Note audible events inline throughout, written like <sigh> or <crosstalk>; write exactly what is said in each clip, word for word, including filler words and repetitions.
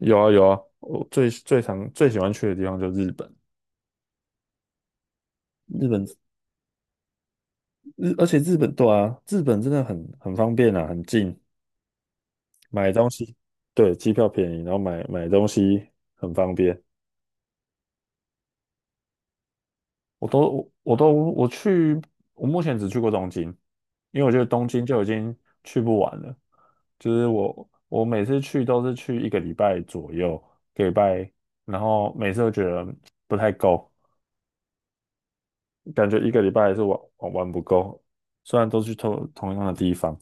有啊有啊，我最最常最喜欢去的地方就是日本。日本日，而且日本对啊，日本真的很很方便啊，很近，买东西，对，机票便宜，然后买买东西很方便。我都我我都我去，我目前只去过东京，因为我觉得东京就已经去不完了。就是我我每次去都是去一个礼拜左右，一个礼拜，然后每次都觉得不太够，感觉一个礼拜还是玩玩玩不够，虽然都去同同样的地方。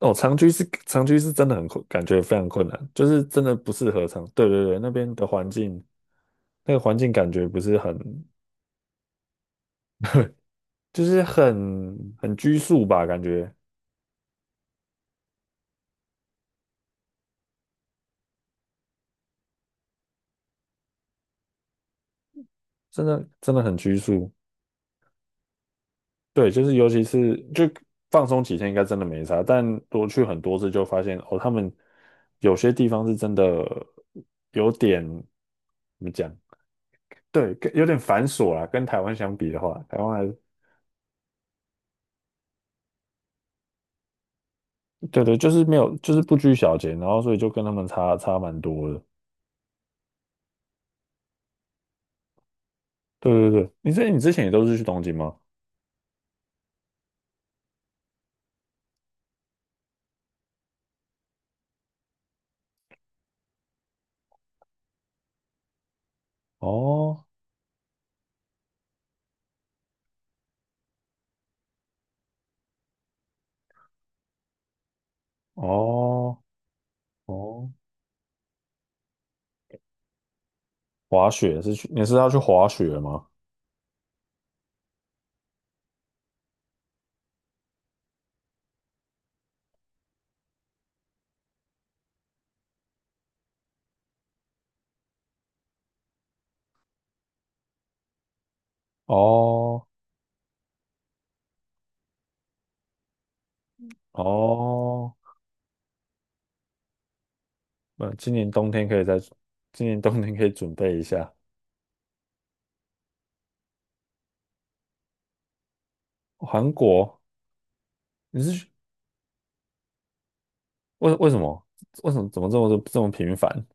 哦，长居是长居是真的很困，感觉非常困难，就是真的不适合长。对对对，那边的环境，那个环境感觉不是很，就是很很拘束吧，感觉真的真的很拘束。对，就是尤其是就放松几天应该真的没啥，但多去很多次就发现哦，他们有些地方是真的有点怎么讲。对，跟有点繁琐啦，跟台湾相比的话，台湾还对对，就是没有，就是不拘小节，然后所以就跟他们差差蛮多的。对对对，你之你之前也都是去东京吗？哦哦哦，滑雪是去，你是要去滑雪吗？哦哦，那今年冬天可以再，今年冬天可以准备一下。韩国，你是去为为什么为什么怎么这么这么频繁？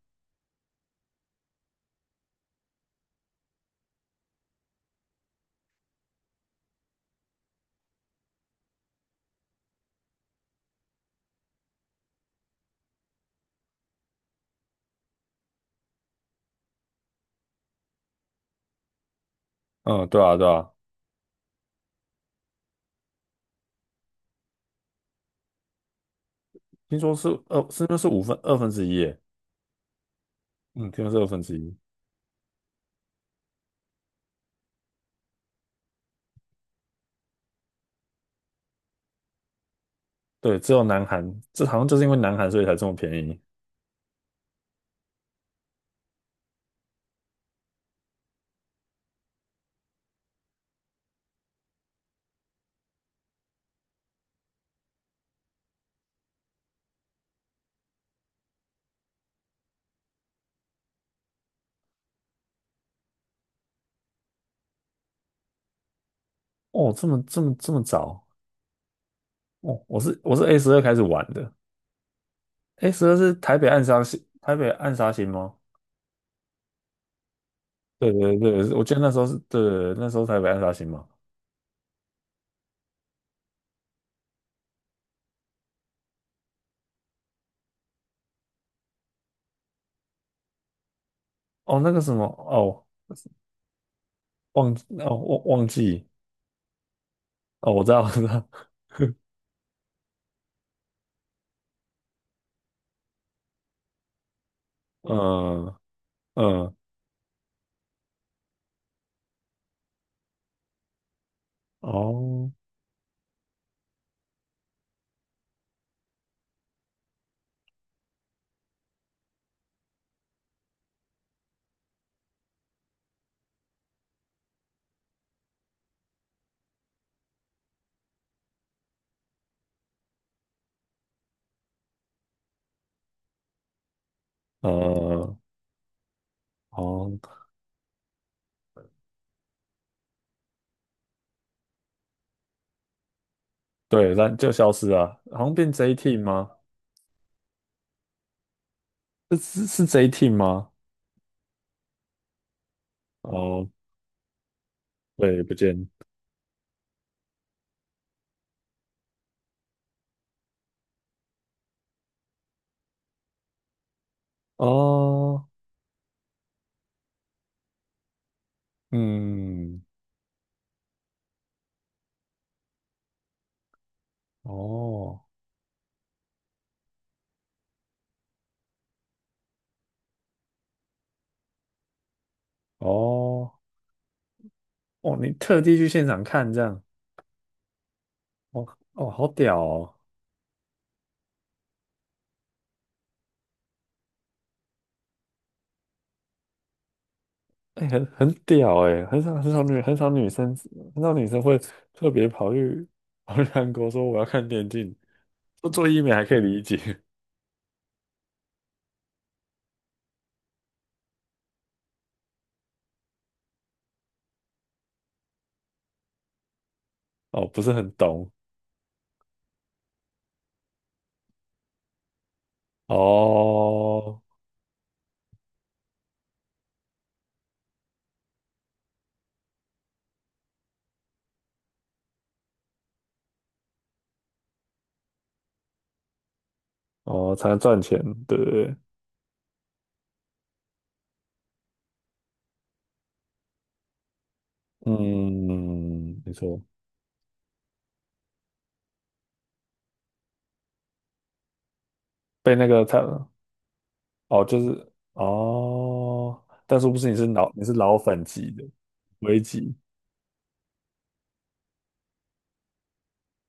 嗯，对啊对啊，听说是二是不是五分二分之一耶？嗯，听说是二分之一。对，只有南韩，这好像就是因为南韩所以才这么便宜。哦，这么这么这么早？哦，我是我是 A 十二开始玩的，A 十二是台北暗杀星，台北暗杀星吗？对对对，我记得那时候是，对对对，那时候台北暗杀星嘛。哦，那个什么，哦，忘记哦，忘忘记，哦，我知道，我知道，<laughs> 嗯嗯，哦，嗯哦，对，但就消失了，好像变 J team 吗？是是是 J team 吗？哦，对，不见。哦，嗯，哦，哦，哦，你特地去现场看这样，哦，哦，好屌哦，哎、很很屌哎、很少很少女很少女生很少女生会特别跑去跑去韩国说我要看电竞，做做医美还可以理解，<laughs> 哦，不是很懂，哦，哦，才能赚钱，对不对？嗯，没错，被那个他哦，就是哦，但是不是你是老你是老粉级的微级？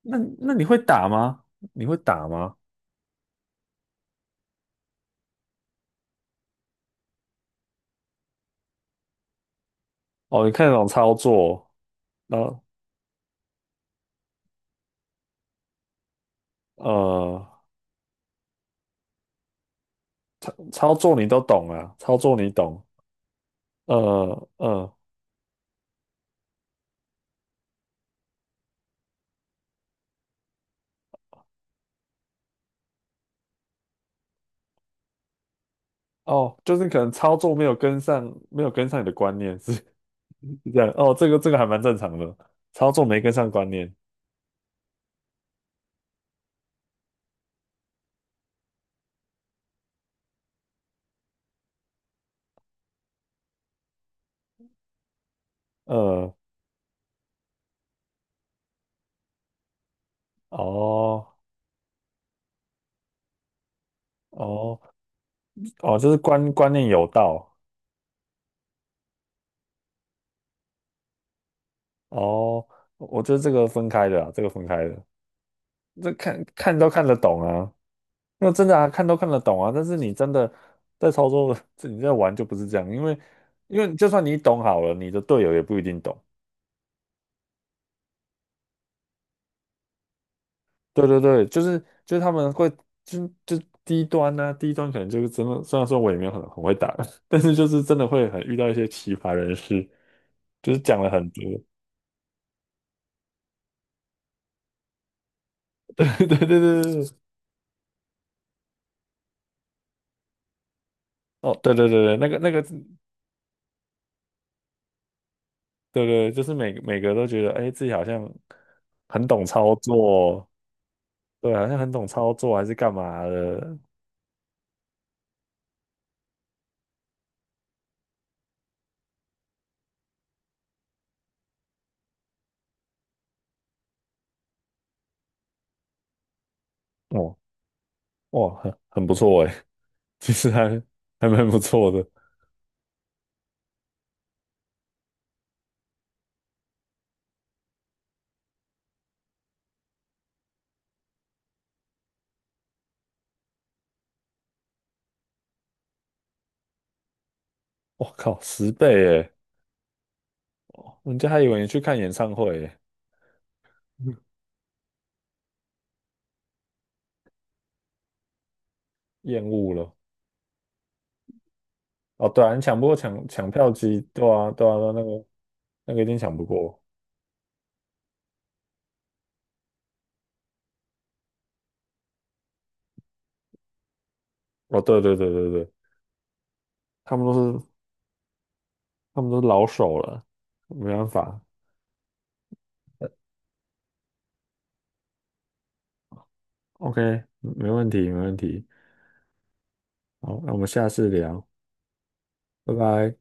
那那你会打吗？你会打吗？哦，你看那种操作，然后呃，操操作你都懂啊，操作你懂，呃呃，哦，就是你可能操作没有跟上，没有跟上你的观念是 <laughs> 是这样，哦，这个这个还蛮正常的，操作没跟上观念，呃，哦哦哦，就是观观念有道，哦，我觉得这个分开的啊，这个分开的，这看看都看得懂啊，那真的啊，看都看得懂啊，但是你真的在操作，<laughs> 这你在玩就不是这样，因为因为就算你懂好了，你的队友也不一定懂。对对对，就是就是他们会就就低端呢、啊低端可能就是真的，虽然说我也没有很很会打，<laughs> 但是就是真的会很遇到一些奇葩人士，就是讲了很多。<laughs> 对对对对对，哦，对对对对，那个那个对对，就是每每个都觉得，哎，自己好像很懂操作，对，好像很懂操作还是干嘛的，哦，哇，很很不错哎，<laughs> 其实还还蛮不错的，我靠，十倍哎，人家还以为你去看演唱会哎，嗯厌恶了，哦，对啊，你抢不过抢抢票机，对啊，对啊，对啊那个那个一定抢不过，哦，对对对对对，他们都是他们都是老手了，没办法，OK，没问题没问题，好，那我们下次聊。拜拜。